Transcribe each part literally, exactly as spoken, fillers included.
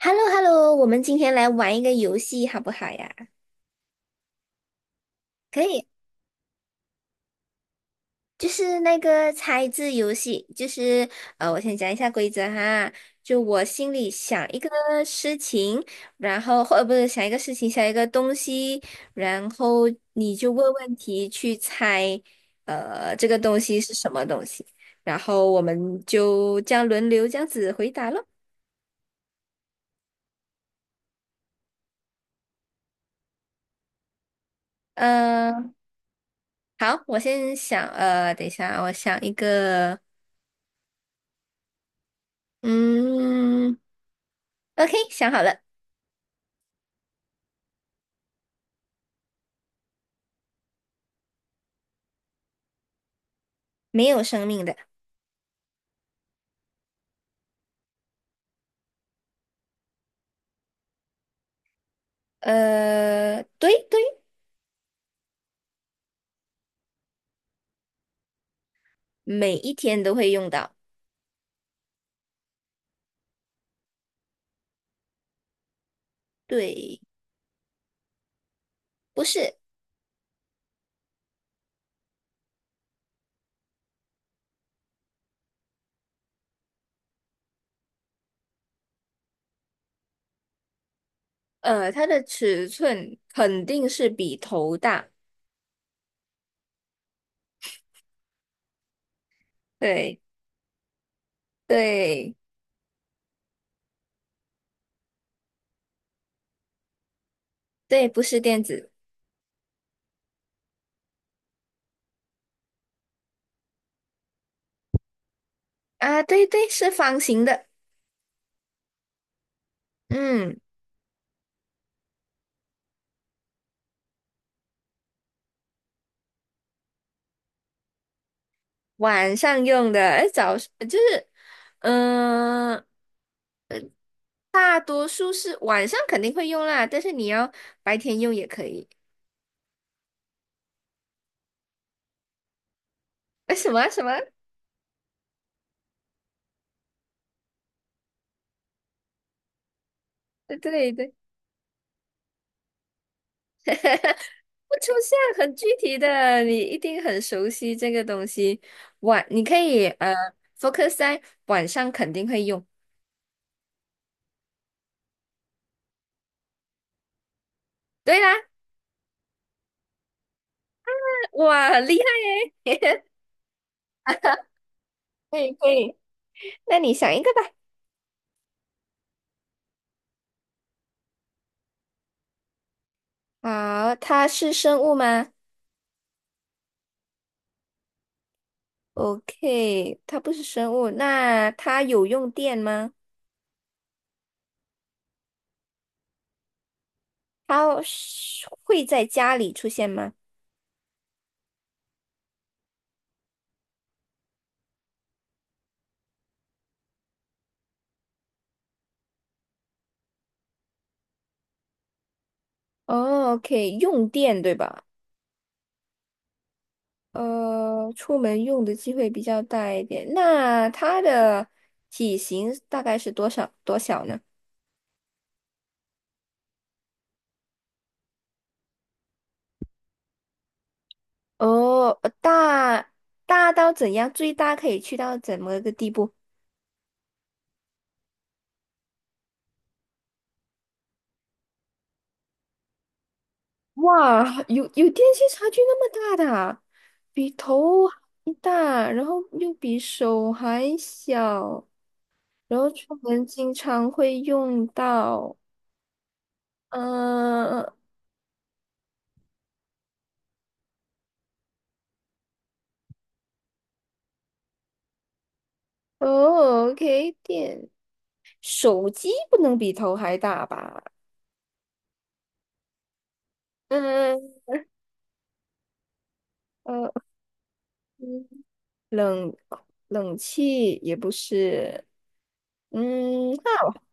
h e l l o h e l l o 我们今天来玩一个游戏好不好呀？可以，就是那个猜字游戏，就是呃，我先讲一下规则哈。就我心里想一个事情，然后或呃不是想一个事情，想一个东西，然后你就问问题去猜，呃，这个东西是什么东西，然后我们就这样轮流这样子回答咯。呃，好，我先想，呃，等一下啊我想一个，嗯。OK，想好了，没有生命的。呃，对对，每一天都会用到。对，不是，呃，它的尺寸肯定是比头大。对对对，不是电子啊，对对，是方形的。嗯，晚上用的，哎，早就是，嗯、大多数是晚上肯定会用啦，但是你要白天用也可以。哎，什么什么？对对。不出现很具体的，你一定很熟悉这个东西。晚，你可以呃 focus 在晚上肯定会用。对啦，哇，很厉害耶！可以可以，那你想一个吧。好，它是生物吗？OK，它不是生物。那它有用电吗？它是会在家里出现吗？哦，OK，用电对吧？呃，出门用的机会比较大一点。那它的体型大概是多少多小呢？哦，呃大大到怎样？最大可以去到怎么个地步？哇，有有电器差距那么大的啊，比头还大，然后又比手还小，然后出门经常会用到。嗯、哦，OK，电手机不能比头还大吧？嗯呃嗯，冷冷气也不是，嗯，那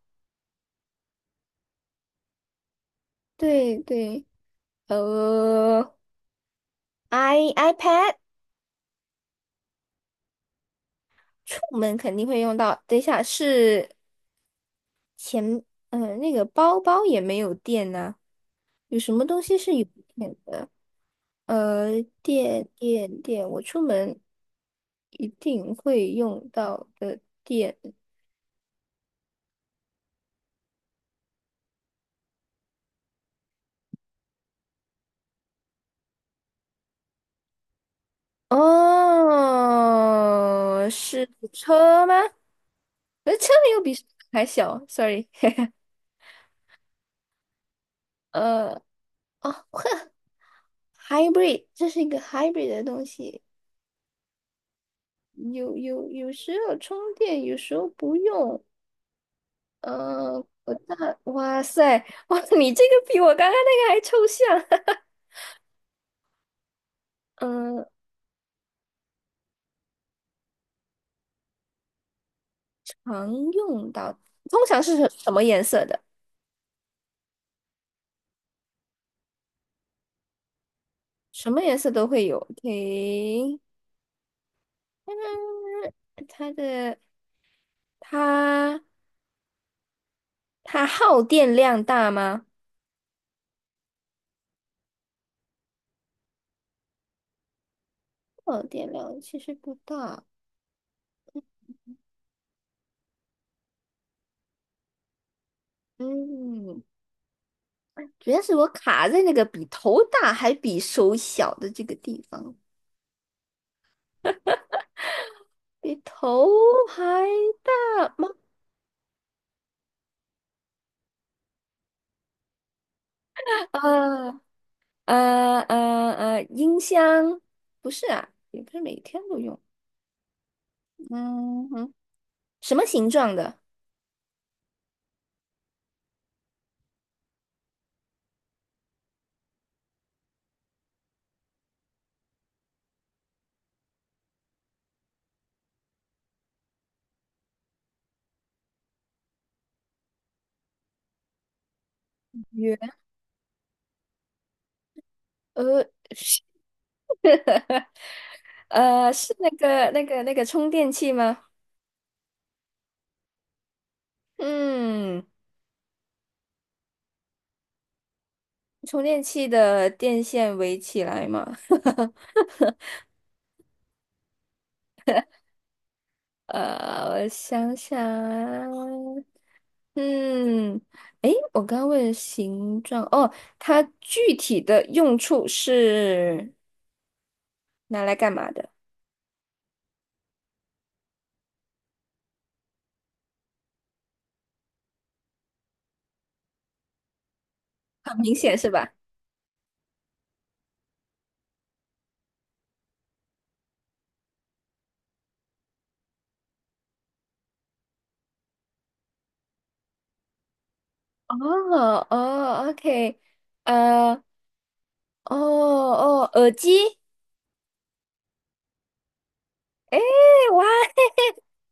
对对，呃，i iPad 出门肯定会用到。等一下是钱，呃，那个包包也没有电呢，有什么东西是有电的？呃，电电电，我出门一定会用到的电。哦，是车吗？那车没有比还小，sorry。呃，哦，呵，hybrid，这是一个 hybrid 的东西，有有有时候充电，有时候不用。呃，我大，哇塞，哇，你这个比我刚刚那个还抽象。嗯、常用到，通常是什什么颜色的？什么颜色都会有。OK，嗯，它的它。它耗电量大吗？耗电量其实不大，嗯，主要是我卡在那个比头大还比手小的这个地方，比头还大吗？呃呃呃呃，音箱不是啊，也不是每天都用，嗯哼，什么形状的？圆，呃，是呃，是那个那个那个充电器吗？嗯，充电器的电线围起来吗？呃，我想想啊，嗯，诶，我刚刚问了形状，哦，它具体的用处是拿来干嘛的？很明显是吧？哦哦，OK，呃，哦哦，耳机，诶，哇，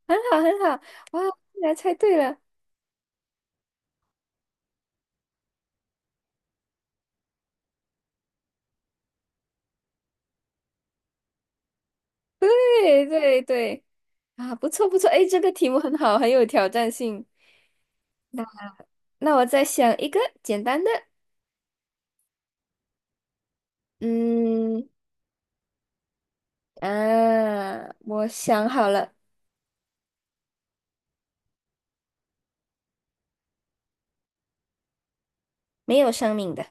很好很好，哇，竟然猜对了，对对对，啊，不错不错，诶，这个题目很好，很有挑战性。那那我再想一个简单的，嗯。啊，我想好了，没有生命的，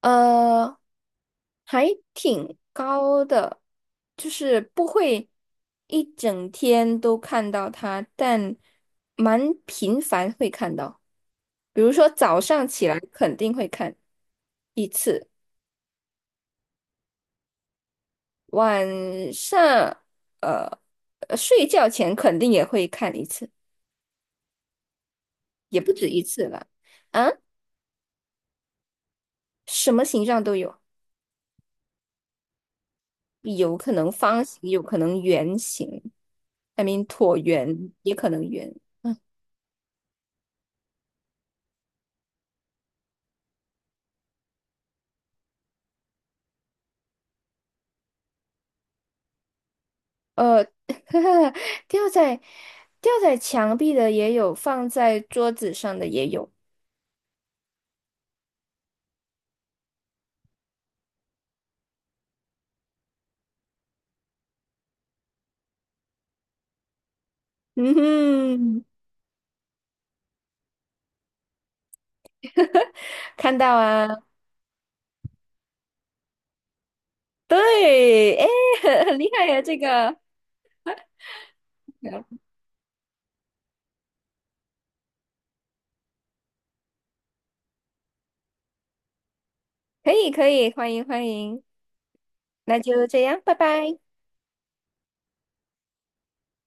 呃，还挺高的，就是不会一整天都看到它，但蛮频繁会看到。比如说早上起来肯定会看一次，晚上呃呃睡觉前肯定也会看一次，也不止一次了。啊，什么形状都有。有可能方形，有可能圆形，I mean 椭圆也可能圆。呃，吊在吊在墙壁的也有，放在桌子上的也有。嗯哼，看到啊，对，哎，很很厉害呀，这个可以可以，欢迎欢迎，那就这样，拜拜。